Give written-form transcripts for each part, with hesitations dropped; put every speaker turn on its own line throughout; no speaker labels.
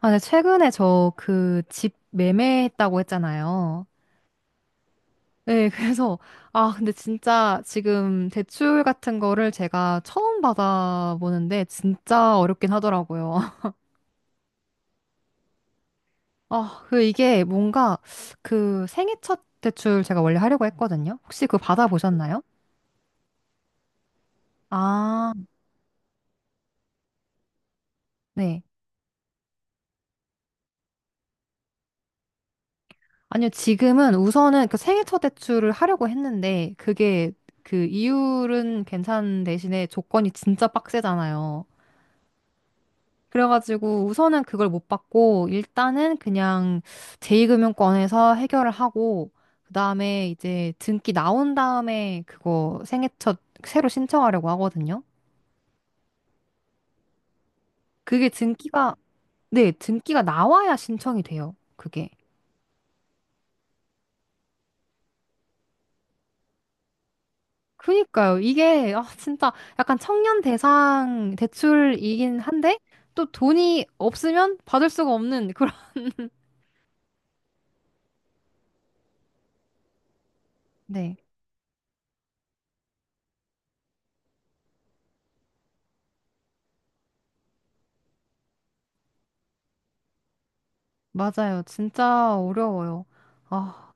아, 네, 최근에 저 그 집 매매했다고 했잖아요. 네, 그래서, 아, 근데 진짜 지금 대출 같은 거를 제가 처음 받아보는데 진짜 어렵긴 하더라고요. 아, 그 이게 뭔가 그 생애 첫 대출 제가 원래 하려고 했거든요. 혹시 그거 받아보셨나요? 아, 네. 아니요, 지금은 우선은 그 생애 첫 대출을 하려고 했는데 그게 그 이율은 괜찮은 대신에 조건이 진짜 빡세잖아요. 그래가지고 우선은 그걸 못 받고 일단은 그냥 제2금융권에서 해결을 하고 그다음에 이제 등기 나온 다음에 그거 생애첫 새로 신청하려고 하거든요. 그게 등기가 네, 등기가 나와야 신청이 돼요. 그게. 그니까요. 이게 아 진짜 약간 청년 대상 대출이긴 한데 또 돈이 없으면 받을 수가 없는 그런 네. 맞아요. 진짜 어려워요. 아.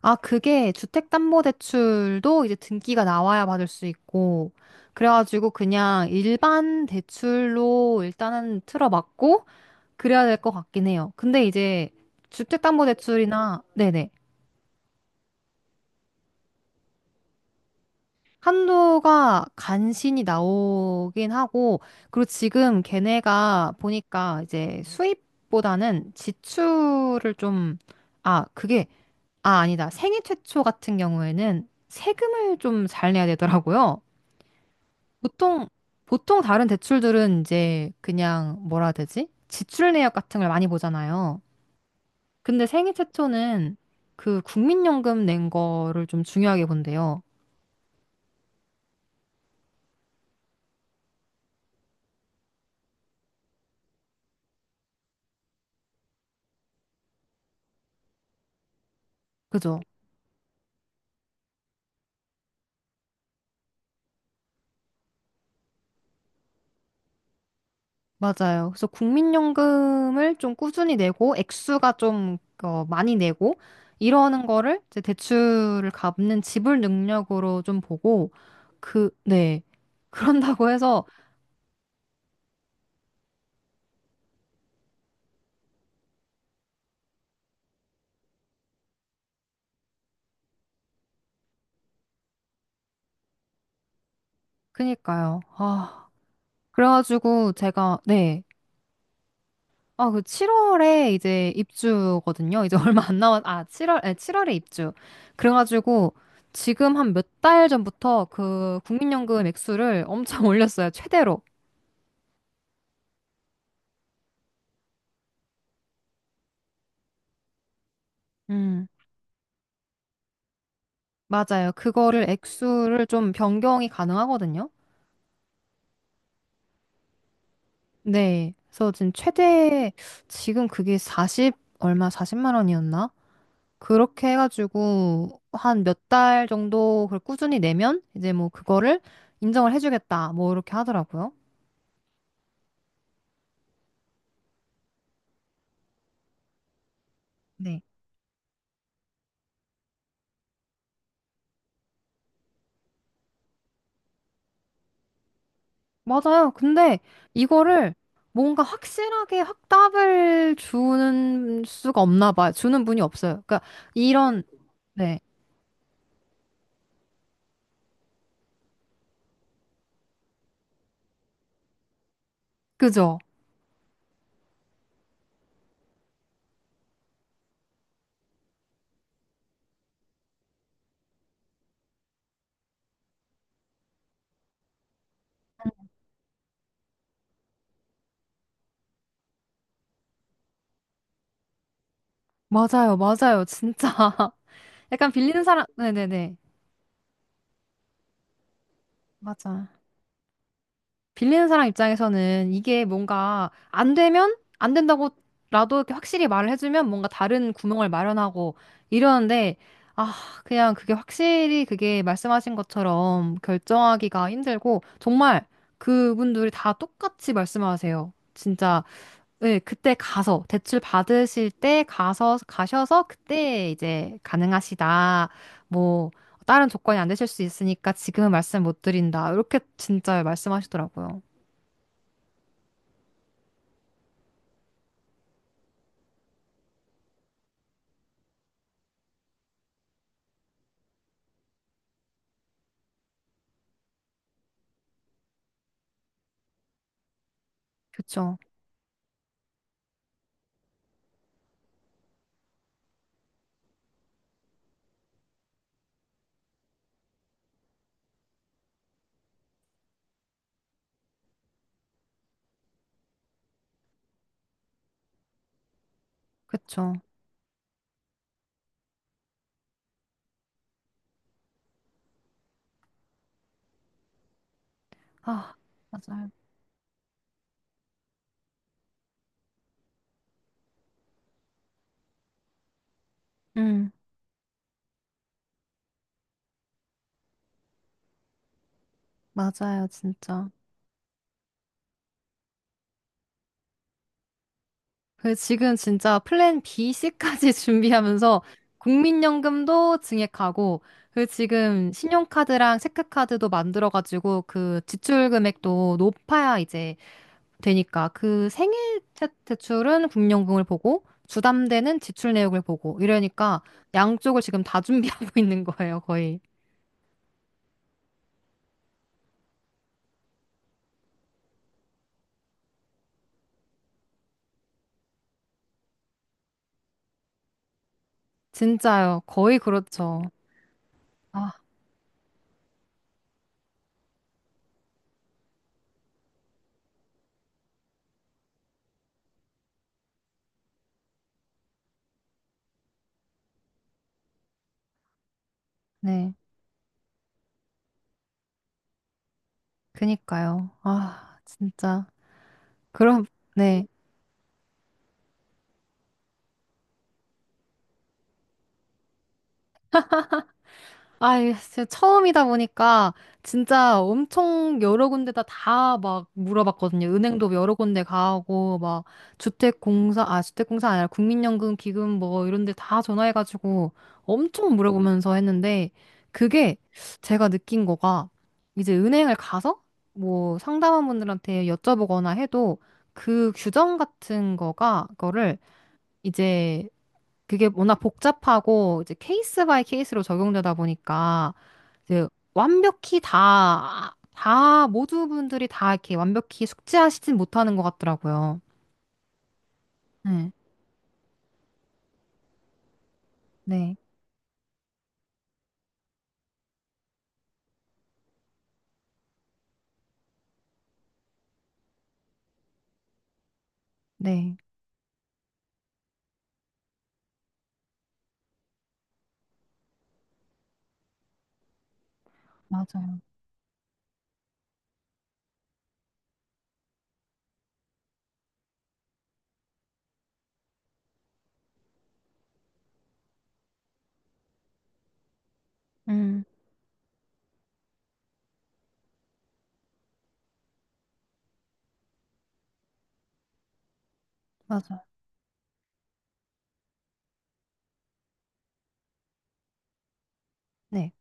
아, 그게 주택담보대출도 이제 등기가 나와야 받을 수 있고, 그래가지고 그냥 일반 대출로 일단은 틀어막고, 그래야 될 것 같긴 해요. 근데 이제 주택담보대출이나, 네네. 한도가 간신히 나오긴 하고, 그리고 지금 걔네가 보니까 이제 수입보다는 지출을 좀, 아, 그게, 아, 아니다. 생애 최초 같은 경우에는 세금을 좀 잘 내야 되더라고요. 보통, 보통 다른 대출들은 이제 그냥 뭐라 해야 되지? 지출 내역 같은 걸 많이 보잖아요. 근데 생애 최초는 그 국민연금 낸 거를 좀 중요하게 본대요. 그죠? 맞아요. 그래서 국민연금을 좀 꾸준히 내고 액수가 좀 많이 내고 이러는 거를 이제 대출을 갚는 지불 능력으로 좀 보고 그, 네. 그런다고 해서 그니까요. 아, 그래가지고 제가 네. 아, 그 7월에 이제 입주거든요. 이제 얼마 안 남았, 아, 7월, 에 7월에 입주. 그래가지고 지금 한 몇 달 전부터 그 국민연금 액수를 엄청 올렸어요. 최대로. 음, 맞아요. 그거를 액수를 좀 변경이 가능하거든요. 네. 그래서 지금 최대, 지금 그게 40, 얼마, 40만 원이었나? 그렇게 해가지고 한 몇 달 정도 그걸 꾸준히 내면 이제 뭐 그거를 인정을 해주겠다. 뭐 이렇게 하더라고요. 네. 맞아요. 근데 이거를 뭔가 확실하게 확답을 주는 수가 없나 봐요. 주는 분이 없어요. 그러니까 이런, 네. 그죠? 맞아요. 맞아요. 진짜. 약간 빌리는 사람, 네네네. 맞아. 빌리는 사람 입장에서는 이게 뭔가 안 되면 안 된다고라도 이렇게 확실히 말을 해주면 뭔가 다른 구멍을 마련하고 이러는데, 아, 그냥 그게 확실히 그게 말씀하신 것처럼 결정하기가 힘들고, 정말 그분들이 다 똑같이 말씀하세요. 진짜, 네, 그때 가서, 대출 받으실 때 가서, 가셔서 그때 이제 가능하시다. 뭐, 다른 조건이 안 되실 수 있으니까 지금은 말씀 못 드린다. 이렇게 진짜 말씀하시더라고요. 그쵸, 그쵸. 아, 맞아요. 음, 맞아요, 진짜. 그 지금 진짜 플랜 B, C까지 준비하면서 국민연금도 증액하고, 그 지금 신용카드랑 체크카드도 만들어가지고 그 지출 금액도 높아야 이제 되니까 그 생애 대출은 국민연금을 보고 주담대는 지출 내역을 보고 이러니까 양쪽을 지금 다 준비하고 있는 거예요, 거의. 진짜요, 거의 그렇죠. 아, 네. 그니까요. 아, 진짜. 그럼, 네. 아, 이게 진짜 처음이다 보니까 진짜 엄청 여러 군데다 다 막 물어봤거든요. 은행도 여러 군데 가고, 막 주택공사, 아, 주택공사 아니라 국민연금 기금 뭐 이런 데 다 전화해가지고 엄청 물어보면서 했는데 그게 제가 느낀 거가 이제 은행을 가서 뭐 상담원분들한테 여쭤보거나 해도 그 규정 같은 거를 이제 그게 워낙 복잡하고 이제 케이스 바이 케이스로 적용되다 보니까 이제 완벽히 다 모두 분들이 다 이렇게 완벽히 숙지하시진 못하는 것 같더라고요. 네, 네, 네, 맞아요. 음, 맞아요. 네,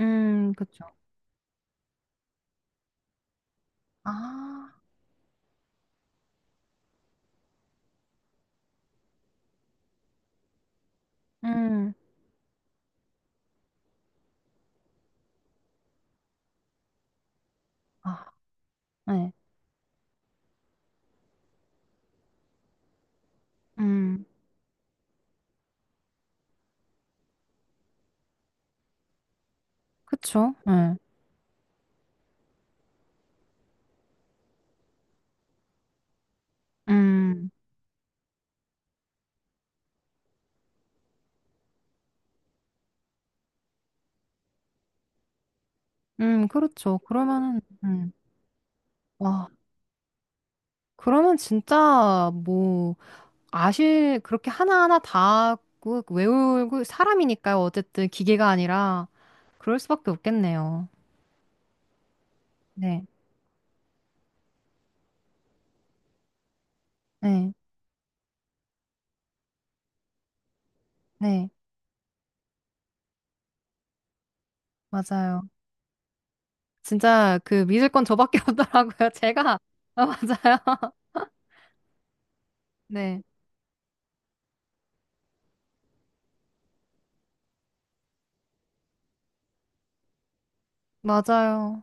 그쵸. 아, 음, 아, 네, 음, 그쵸. 네, 음, 그렇죠. 그러면은, 와, 그러면 진짜 뭐. 아실 그렇게 하나하나 다 외우고 사람이니까요. 어쨌든 기계가 아니라 그럴 수밖에 없겠네요. 네, 네, 네, 맞아요. 진짜 그 믿을 건 저밖에 없더라고요. 제가 아, 맞아요. 네, 맞아요.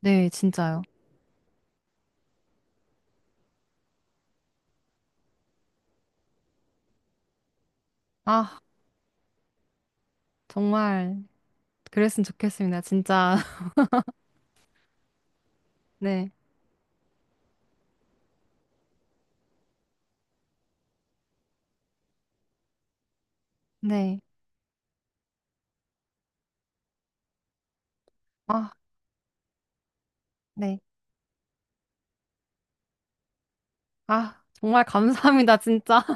네, 진짜요. 아, 정말 그랬으면 좋겠습니다. 진짜. 네, 네, 아, 네, 아, 정말 감사합니다. 진짜.